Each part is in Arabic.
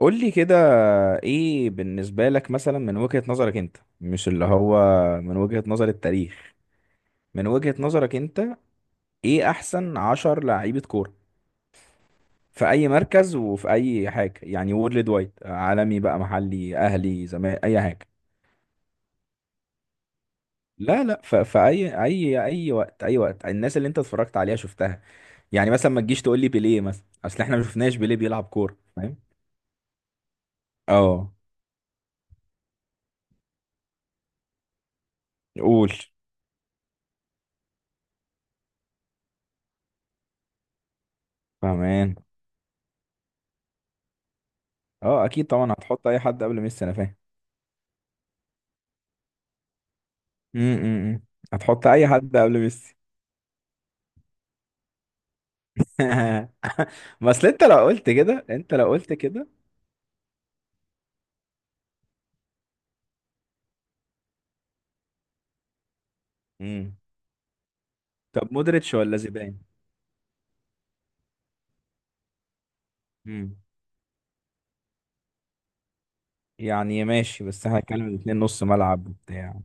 قول لي كده. ايه بالنسبة لك مثلا من وجهة نظرك انت، مش اللي هو من وجهة نظر التاريخ، من وجهة نظرك انت؟ ايه احسن عشر لعيبة كورة في اي مركز وفي اي حاجة، يعني وورلد وايد عالمي بقى، محلي، اهلي، زمان، اي حاجة. لا لا، في اي وقت، اي وقت، الناس اللي انت اتفرجت عليها شفتها. يعني مثلا ما تجيش تقول لي بيليه مثلا، اصل احنا ما شفناش بيليه بيلعب كورة، فاهم. اه. قول. فاهمان. اه اكيد طبعا، هتحط اي حد قبل ميسي انا فاهم. امم هتحط اي حد قبل ميسي؟ بس انت لو قلت كده، انت لو قلت كده. امم طب مودريتش ولا زيدان؟ امم يعني ماشي، بس هنتكلم الاثنين نص ملعب وبتاع.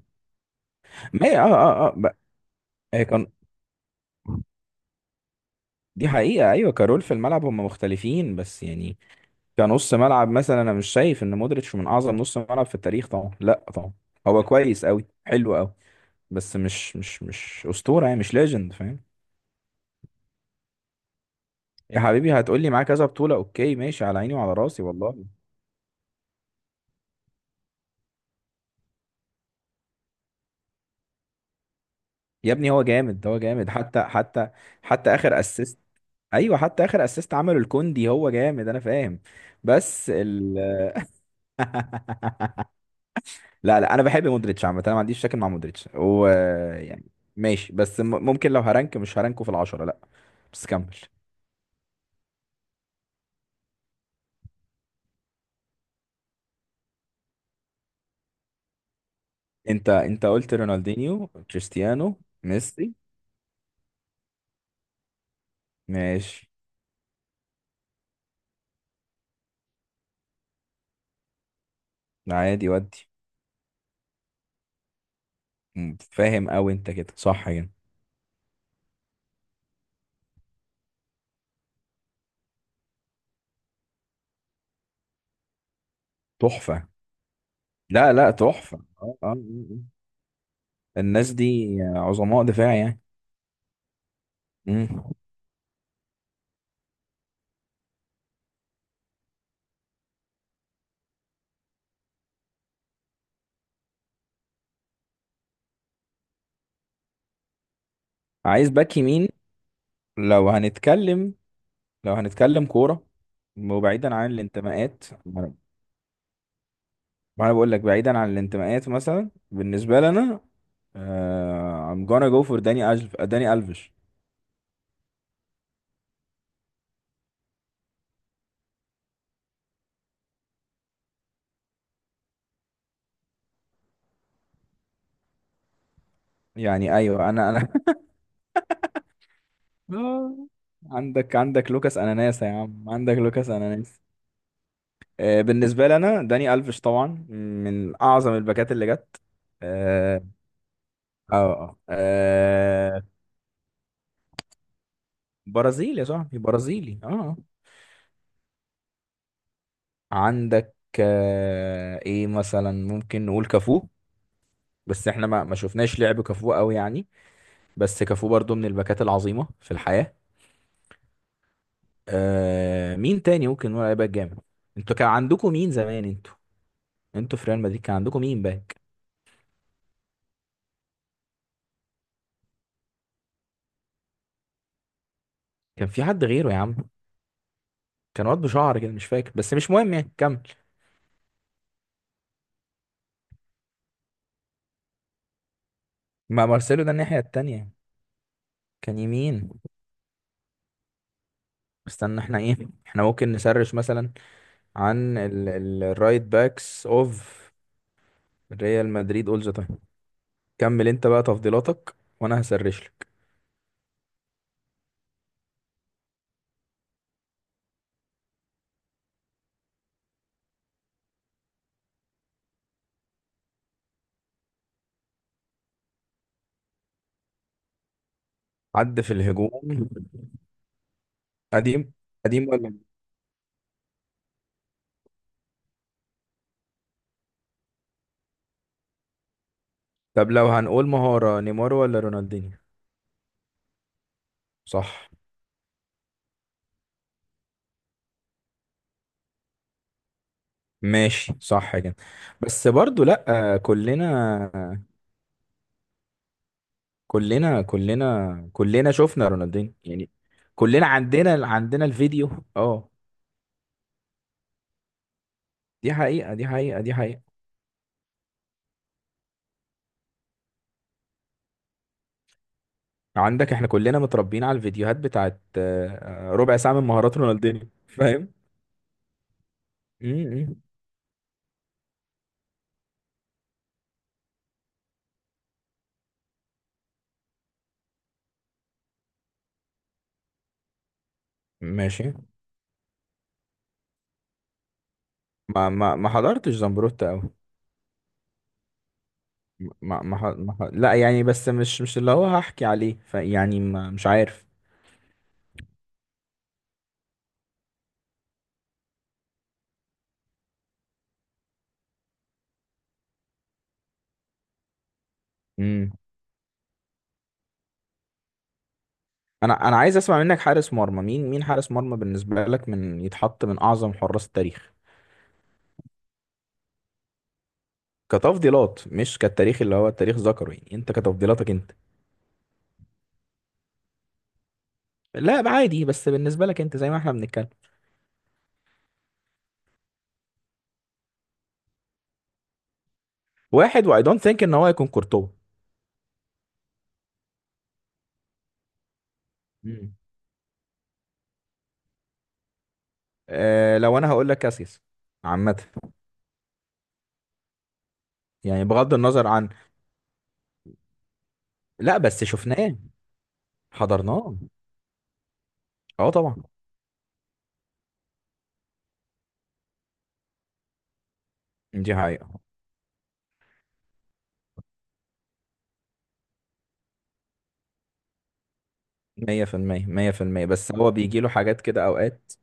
ما هي- اه اه اه بقى. هي كان، دي حقيقة ايوه، كارول في الملعب هم مختلفين بس يعني. كنص ملعب مثلا انا مش شايف ان مودريتش من اعظم نص ملعب في التاريخ، طبعا لا طبعا هو كويس قوي، حلو قوي، بس مش اسطورة يعني، مش ليجند فاهم. يا حبيبي هتقولي معاه كذا بطولة، اوكي ماشي، على عيني وعلى راسي والله. يا ابني هو جامد، هو جامد، حتى حتى اخر اسيست. ايوه، حتى اخر اسيست عمله الكوندي، هو جامد انا فاهم. بس لا لا، انا بحب مودريتش عامة، انا ما عنديش مشاكل مع مودريتش هو، يعني ماشي، بس ممكن لو هرانك، مش هرانكه في العشرة لا. بس كمل. انت قلت رونالدينيو، كريستيانو، ميسي. ماشي. عادي ودي. فاهم قوي، انت كده صح كده. تحفة. لا لا تحفة، اه اه آه. آه. الناس دي عظماء دفاع يعني. مم. عايز باك يمين؟ لو هنتكلم، لو هنتكلم كورة وبعيدا عن الانتماءات. ما انا، ما أنا بقول لك بعيدا عن الانتماءات مثلا بالنسبة لنا آه I'm gonna go for داني ألف، داني ألفيش. يعني ايوه، انا آه، عندك، عندك لوكاس اناناس يا عم، عندك لوكاس اناناس. آه بالنسبة لنا داني ألفيش طبعا من اعظم الباكات اللي جت. اه. اه برازيلي يا صاحبي، برازيلي اه. عندك آه ايه مثلا، ممكن نقول كافو، بس احنا ما شفناش لعب كافو قوي يعني، بس كافو برضو من الباكات العظيمة في الحياة. آه، مين تاني ممكن نقول عليه باك جامد؟ انتوا كان عندكم مين زمان انتوا؟ انتوا في ريال مدريد كان عندكم مين باك؟ كان في حد غيره يا عم، كان واد بشعر كده مش فاكر، بس مش مهم يعني كمل. ما مارسيلو ده الناحية التانية. كان يمين. استنى، احنا ايه، احنا ممكن نسرش مثلا عن الرايت باكس اوف ريال مدريد اول ذا تايم. كمل انت بقى تفضيلاتك وانا هسرش لك. عد في الهجوم. قديم. قديم ولا جديد؟ طب لو هنقول مهارة، نيمار ولا رونالدينيو؟ صح. ماشي صح كده. بس برضو لا، كلنا كلنا شفنا رونالدينيو يعني. كلنا عندنا الفيديو اه. دي حقيقة. عندك، احنا كلنا متربيين على الفيديوهات بتاعت ربع ساعة من مهارات رونالدينيو فاهم. م- م. ماشي. ما حضرتش زمبروتا قوي. ما ما, ح- ما ح- لا يعني، بس مش مش اللي هو هحكي عليه فيعني، ما مش عارف. امم انا عايز اسمع منك حارس مرمى، مين حارس مرمى بالنسبه لك من يتحط من اعظم حراس التاريخ، كتفضيلات مش كالتاريخ اللي هو التاريخ ذكره، يعني انت كتفضيلاتك انت. لا بقى عادي، بس بالنسبه لك انت زي ما احنا بنتكلم. واحد، واي دونت ثينك ان هو هيكون كورتوا. امم أه لو انا هقول لك كاسياس عامه. يعني بغض النظر عن، لا بس شفناه، حضرناه. اه طبعا. دي حقيقة. مية في المية، مية في المية، بس هو بيجي له حاجات كده أوقات،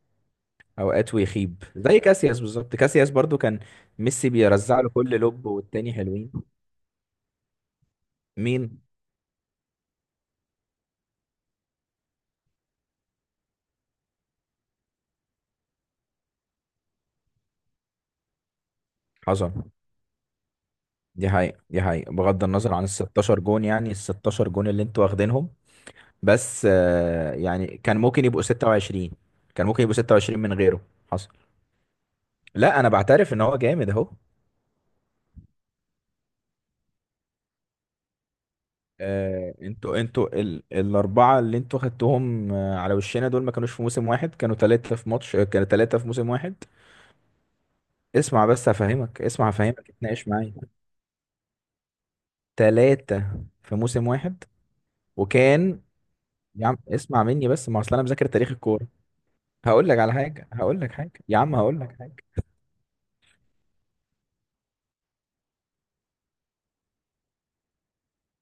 أوقات ويخيب زي كاسياس بالظبط. كاسياس برضو كان ميسي بيرزع له كل لوب، والتاني حلوين. مين؟ حصل. دي حقيقة، دي حقيقة، بغض النظر عن ال 16 جون، يعني ال 16 جون اللي انتوا واخدينهم. بس آه، يعني كان ممكن يبقوا 26، كان ممكن يبقوا 26 من غيره. حصل. لا أنا بعترف إن هو جامد أهو. انتوا، الاربعه اللي انتوا خدتوهم على وشنا دول ما كانوش في موسم واحد، كانوا ثلاثه في ماتش، كانوا ثلاثه في موسم واحد. اسمع بس هفهمك، اسمع هفهمك، اتناقش معايا. ثلاثه في موسم واحد، وكان. يا عم اسمع مني بس، ما اصل انا مذاكر تاريخ الكوره. هقول لك على حاجه، هقول لك حاجه يا عم، هقول لك حاجه.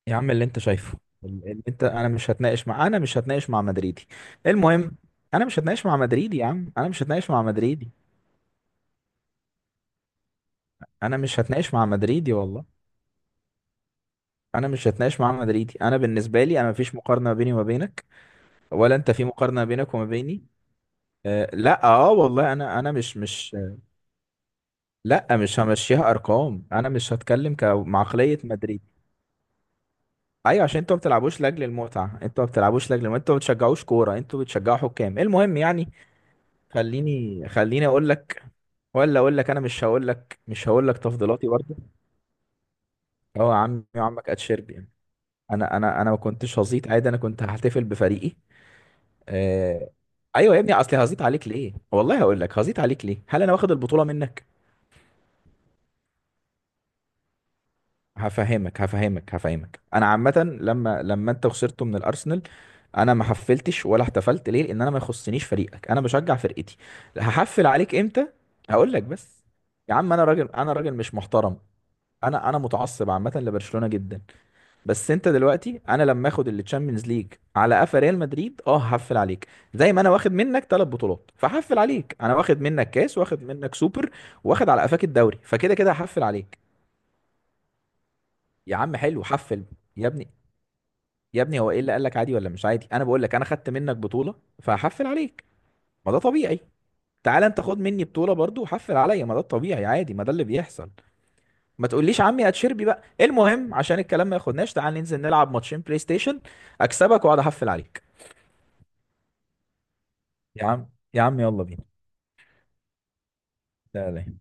يا عم اللي انت شايفه، ال- اللي انت انا مش هتناقش مع، انا مش هتناقش مع مدريدي. المهم، انا مش هتناقش مع مدريدي يا عم، انا مش هتناقش مع مدريدي، انا مش هتناقش مع مدريدي والله. انا مش هتناقش مع مدريدي، انا بالنسبه لي انا مفيش مقارنه بيني وما بينك، ولا انت في مقارنه بينك وما بيني. أه لا اه والله، انا انا مش مش. لا مش همشيها ارقام، انا مش هتكلم كمعقليه مدريد. ايوه، عشان انتوا ما بتلعبوش لاجل المتعه، انتوا ما بتلعبوش لاجل المتعه، انتوا ما بتشجعوش كوره، انتوا بتشجعوا حكام المهم يعني. خليني اقول لك، ولا اقول لك، انا مش هقول لك، مش هقول لك تفضيلاتي برضه. هو عمي وعمك اتشربي، انا ما كنتش هزيط عادي، انا كنت هحتفل بفريقي. آه... ايوه يا ابني، اصلي هزيط عليك ليه والله، هقول لك هزيط عليك ليه، هل انا واخد البطوله منك؟ هفهمك انا عامه، لما انت خسرته من الارسنال انا ما حفلتش ولا احتفلت، ليه؟ لان انا ما يخصنيش فريقك، انا بشجع فرقتي، هحفل عليك امتى؟ هقول لك بس، يا عم انا راجل، انا راجل مش محترم، انا متعصب عامه لبرشلونه جدا. بس انت دلوقتي انا لما اخد التشامبيونز ليج على قفا ريال مدريد اه هحفل عليك، زي ما انا واخد منك ثلاث بطولات فهحفل عليك، انا واخد منك كاس، واخد منك سوبر، واخد على قفاك الدوري، فكده كده هحفل عليك. يا عم حلو، حفل. يا ابني يا ابني، هو ايه اللي قال لك عادي ولا مش عادي؟ انا بقول لك انا خدت منك بطولة فهحفل عليك، ما ده طبيعي. تعالى انت خد مني بطولة برضو وحفل عليا، ما ده الطبيعي، عادي، ما ده اللي بيحصل. ما تقوليش عمي اتشربي بقى، المهم عشان الكلام ما ياخدناش، تعال ننزل نلعب ماتشين بلاي ستيشن، اكسبك واقعد احفل عليك. يا عم يلا بينا. لا لا